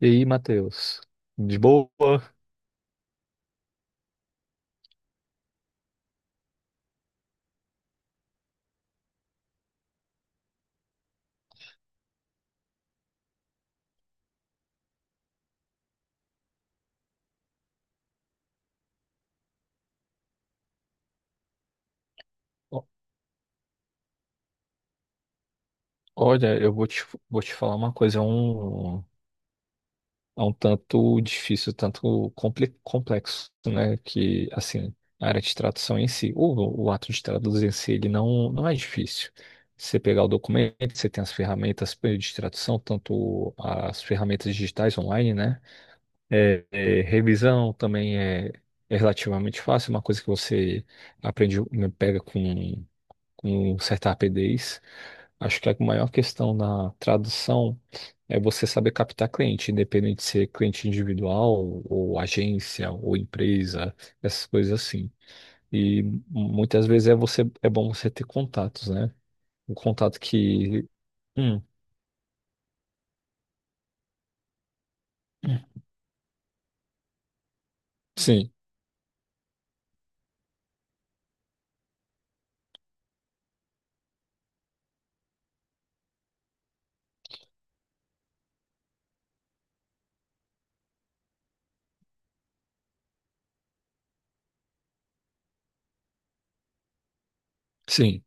E aí, Matheus? De boa? O- Olha, vou te falar uma coisa, é um tanto difícil, tanto complexo, né? Que, assim, a área de tradução em si, o ato de traduzir em si, ele não é difícil. Você pegar o documento, você tem as ferramentas de tradução, tanto as ferramentas digitais online, né? Revisão também é relativamente fácil, uma coisa que você aprende, né, pega com certa rapidez. Acho que a maior questão na tradução é você saber captar cliente, independente de ser cliente individual, ou agência, ou empresa, essas coisas assim. E muitas vezes é você é bom você ter contatos, né? Um contato que. Hum, sim, sim.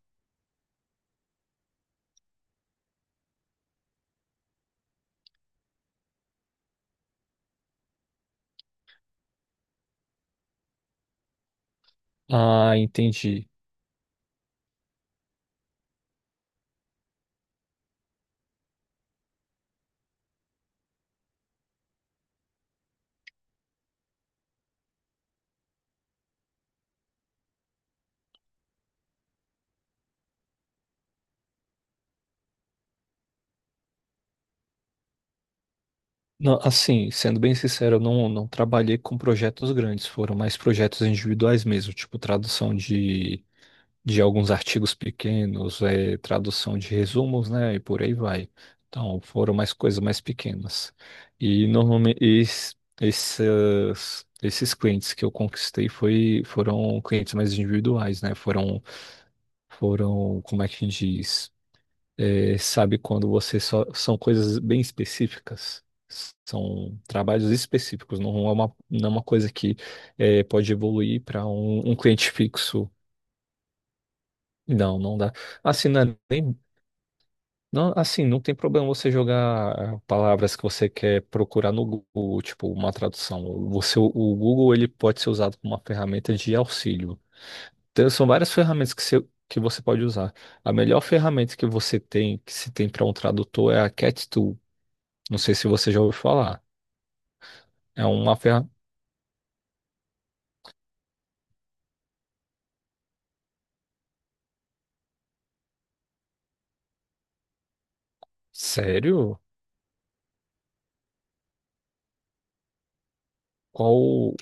Ah, entendi. Não, assim, sendo bem sincero, eu não, não trabalhei com projetos grandes, foram mais projetos individuais mesmo, tipo tradução de alguns artigos pequenos, tradução de resumos, né, e por aí vai. Então, foram mais coisas mais pequenas. E normalmente esses clientes que eu conquistei foram clientes mais individuais, né? Foram, como é que a gente diz? Sabe quando você só são coisas bem específicas? São trabalhos específicos, não é uma coisa que pode evoluir para um cliente fixo. Não, não dá. Assim, não é nem Não, assim, não tem problema você jogar ah, palavras que você quer procurar no Google, tipo uma tradução. Você, o Google, ele pode ser usado como uma ferramenta de auxílio. Então, são várias ferramentas que que você pode usar. A melhor ferramenta que você tem, que se tem para um tradutor, é a Cat Tool. Não sei se você já ouviu falar. É uma ferramenta. Sério? Qual,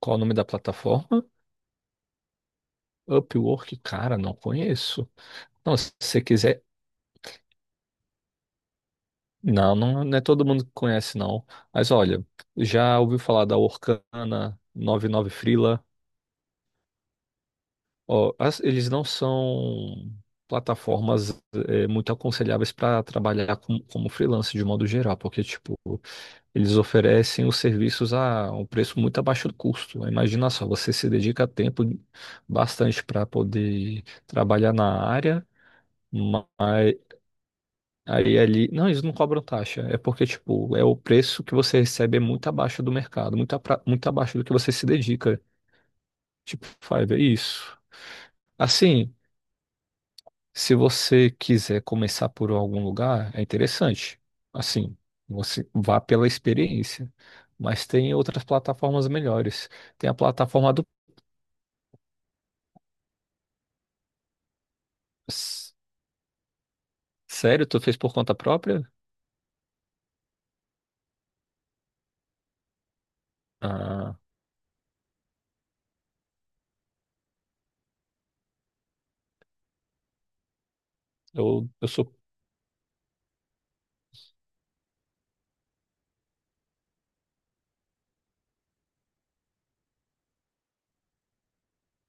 qual o nome da plataforma? Upwork? Cara, não conheço. Não, se você quiser. Não é todo mundo que conhece, não. Mas olha, já ouviu falar da Orkana, 99 Freela? Ó, eles não são plataformas muito aconselháveis para trabalhar com, como freelance de modo geral, porque, tipo, eles oferecem os serviços a um preço muito abaixo do custo. Imagina só, você se dedica tempo bastante para poder trabalhar na área, Aí ali. Não, eles não cobram taxa. É porque, tipo, é o preço que você recebe é muito abaixo do mercado, muito, muito abaixo do que você se dedica. Tipo, Fiverr, é isso. Assim, se você quiser começar por algum lugar, é interessante. Assim, você vá pela experiência. Mas tem outras plataformas melhores. Tem a plataforma do. S- Sério, tu fez por conta própria? Ah, eu sou.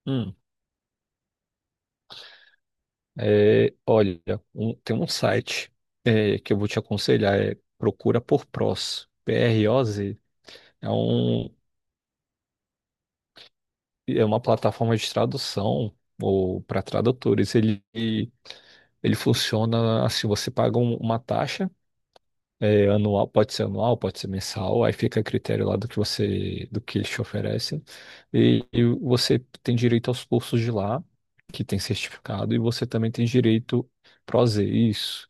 Hum. É, olha, tem um site que eu vou te aconselhar, é Procura por Pros, P-R-O-Z. É, um, é uma plataforma de tradução ou para tradutores. Ele funciona assim, você paga uma taxa anual, pode ser mensal, aí fica a critério lá do que você, do que eles te oferecem. E você tem direito aos cursos de lá, que tem certificado, e você também tem direito Prozer, isso.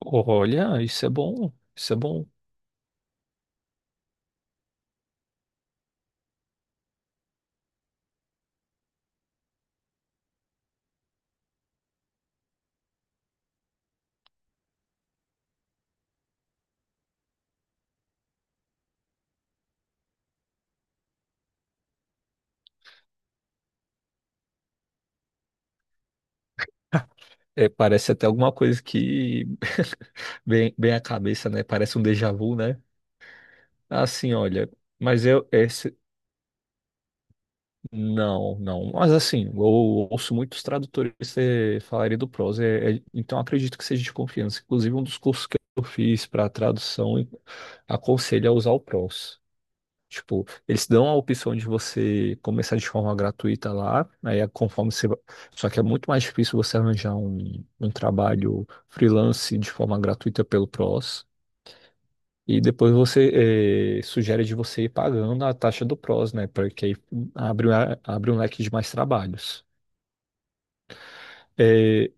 Olha, isso é bom, isso é bom. É, parece até alguma coisa que bem, bem a cabeça, né? Parece um déjà vu, né? Assim, olha, mas eu esse não, não. Mas assim, eu ouço muitos tradutores falarem do prose, então acredito que seja de confiança. Inclusive, um dos cursos que eu fiz para tradução aconselha a usar o prose. Tipo, eles dão a opção de você começar de forma gratuita lá, aí é conforme você. Va- Só que é muito mais difícil você arranjar um trabalho freelance de forma gratuita pelo PROS. E depois você sugere de você ir pagando a taxa do PROS, né? Porque aí abre, abre um leque de mais trabalhos. Eh,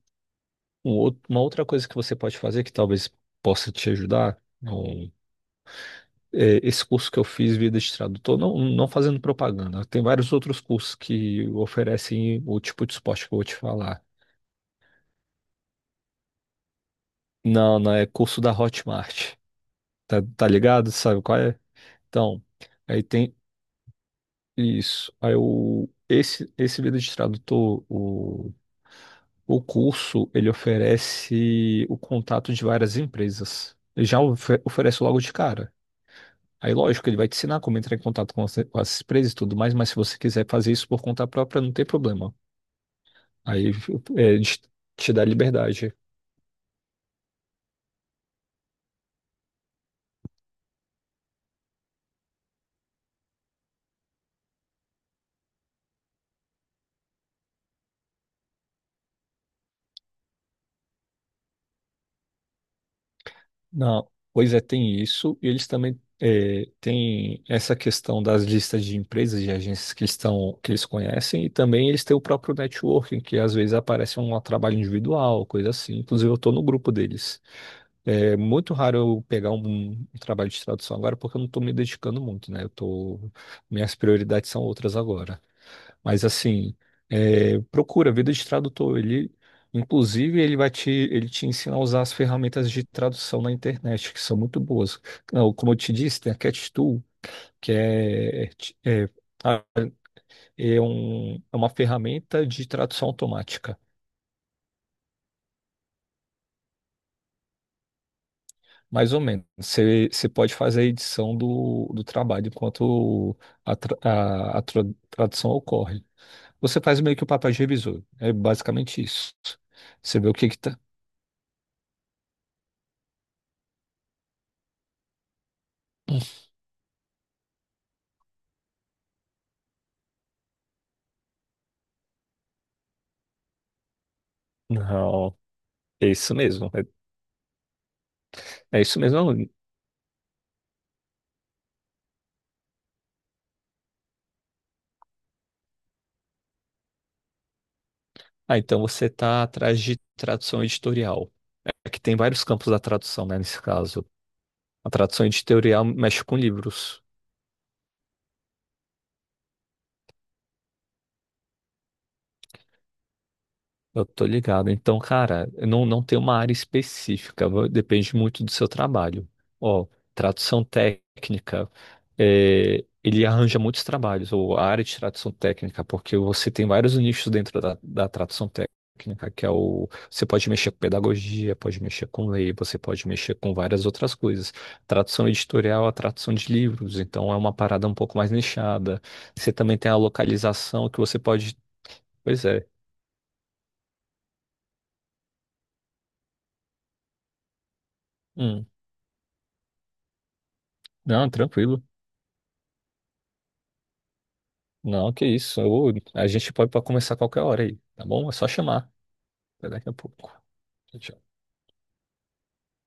uma outra coisa que você pode fazer, que talvez possa te ajudar, é, esse curso que eu fiz vida de tradutor, não fazendo propaganda, tem vários outros cursos que oferecem o tipo de suporte que eu vou te falar. Não, não, é curso da Hotmart, tá ligado? Sabe qual é? Então, aí tem isso. Esse vida de tradutor, o curso, ele oferece o contato de várias empresas. Ele já oferece logo de cara. Aí, lógico, ele vai te ensinar como entrar em contato com com as empresas e tudo mais, mas se você quiser fazer isso por conta própria, não tem problema. Aí é, eles te dá liberdade. Não, pois é, tem isso, e eles também é, têm essa questão das listas de empresas e agências que estão, que eles conhecem, e também eles têm o próprio networking, que às vezes aparece um trabalho individual, coisa assim. Inclusive, eu estou no grupo deles. É muito raro eu pegar um trabalho de tradução agora, porque eu não estou me dedicando muito, né? Eu tô, minhas prioridades são outras agora. Mas assim, é, procura vida de tradutor. Inclusive, ele te ensina a usar as ferramentas de tradução na internet, que são muito boas. Não, como eu te disse, tem a CatTool, que é, é, ah, é é uma ferramenta de tradução automática. Mais ou menos. Você pode fazer a edição do trabalho enquanto a tra- tradução ocorre. Você faz meio que o papel de revisor. É basicamente isso. Você vê o que que tá. Não. É isso mesmo. É, é isso mesmo. Aluno. Ah, então você está atrás de tradução editorial. É que tem vários campos da tradução, né, nesse caso. A tradução editorial mexe com livros. Eu tô ligado. Então, cara, não tem uma área específica, va- depende muito do seu trabalho. Ó, tradução técnica, é, ele arranja muitos trabalhos, ou a área de tradução técnica, porque você tem vários nichos dentro da tradução técnica, que é o. Você pode mexer com pedagogia, pode mexer com lei, você pode mexer com várias outras coisas. Tradução editorial, a tradução de livros, então é uma parada um pouco mais nichada. Você também tem a localização que você pode. Pois é. Hum. Não, tranquilo. Não, que isso. Eu- pode começar a qualquer hora aí, tá bom? É só chamar. Até daqui a pouco. Tchau.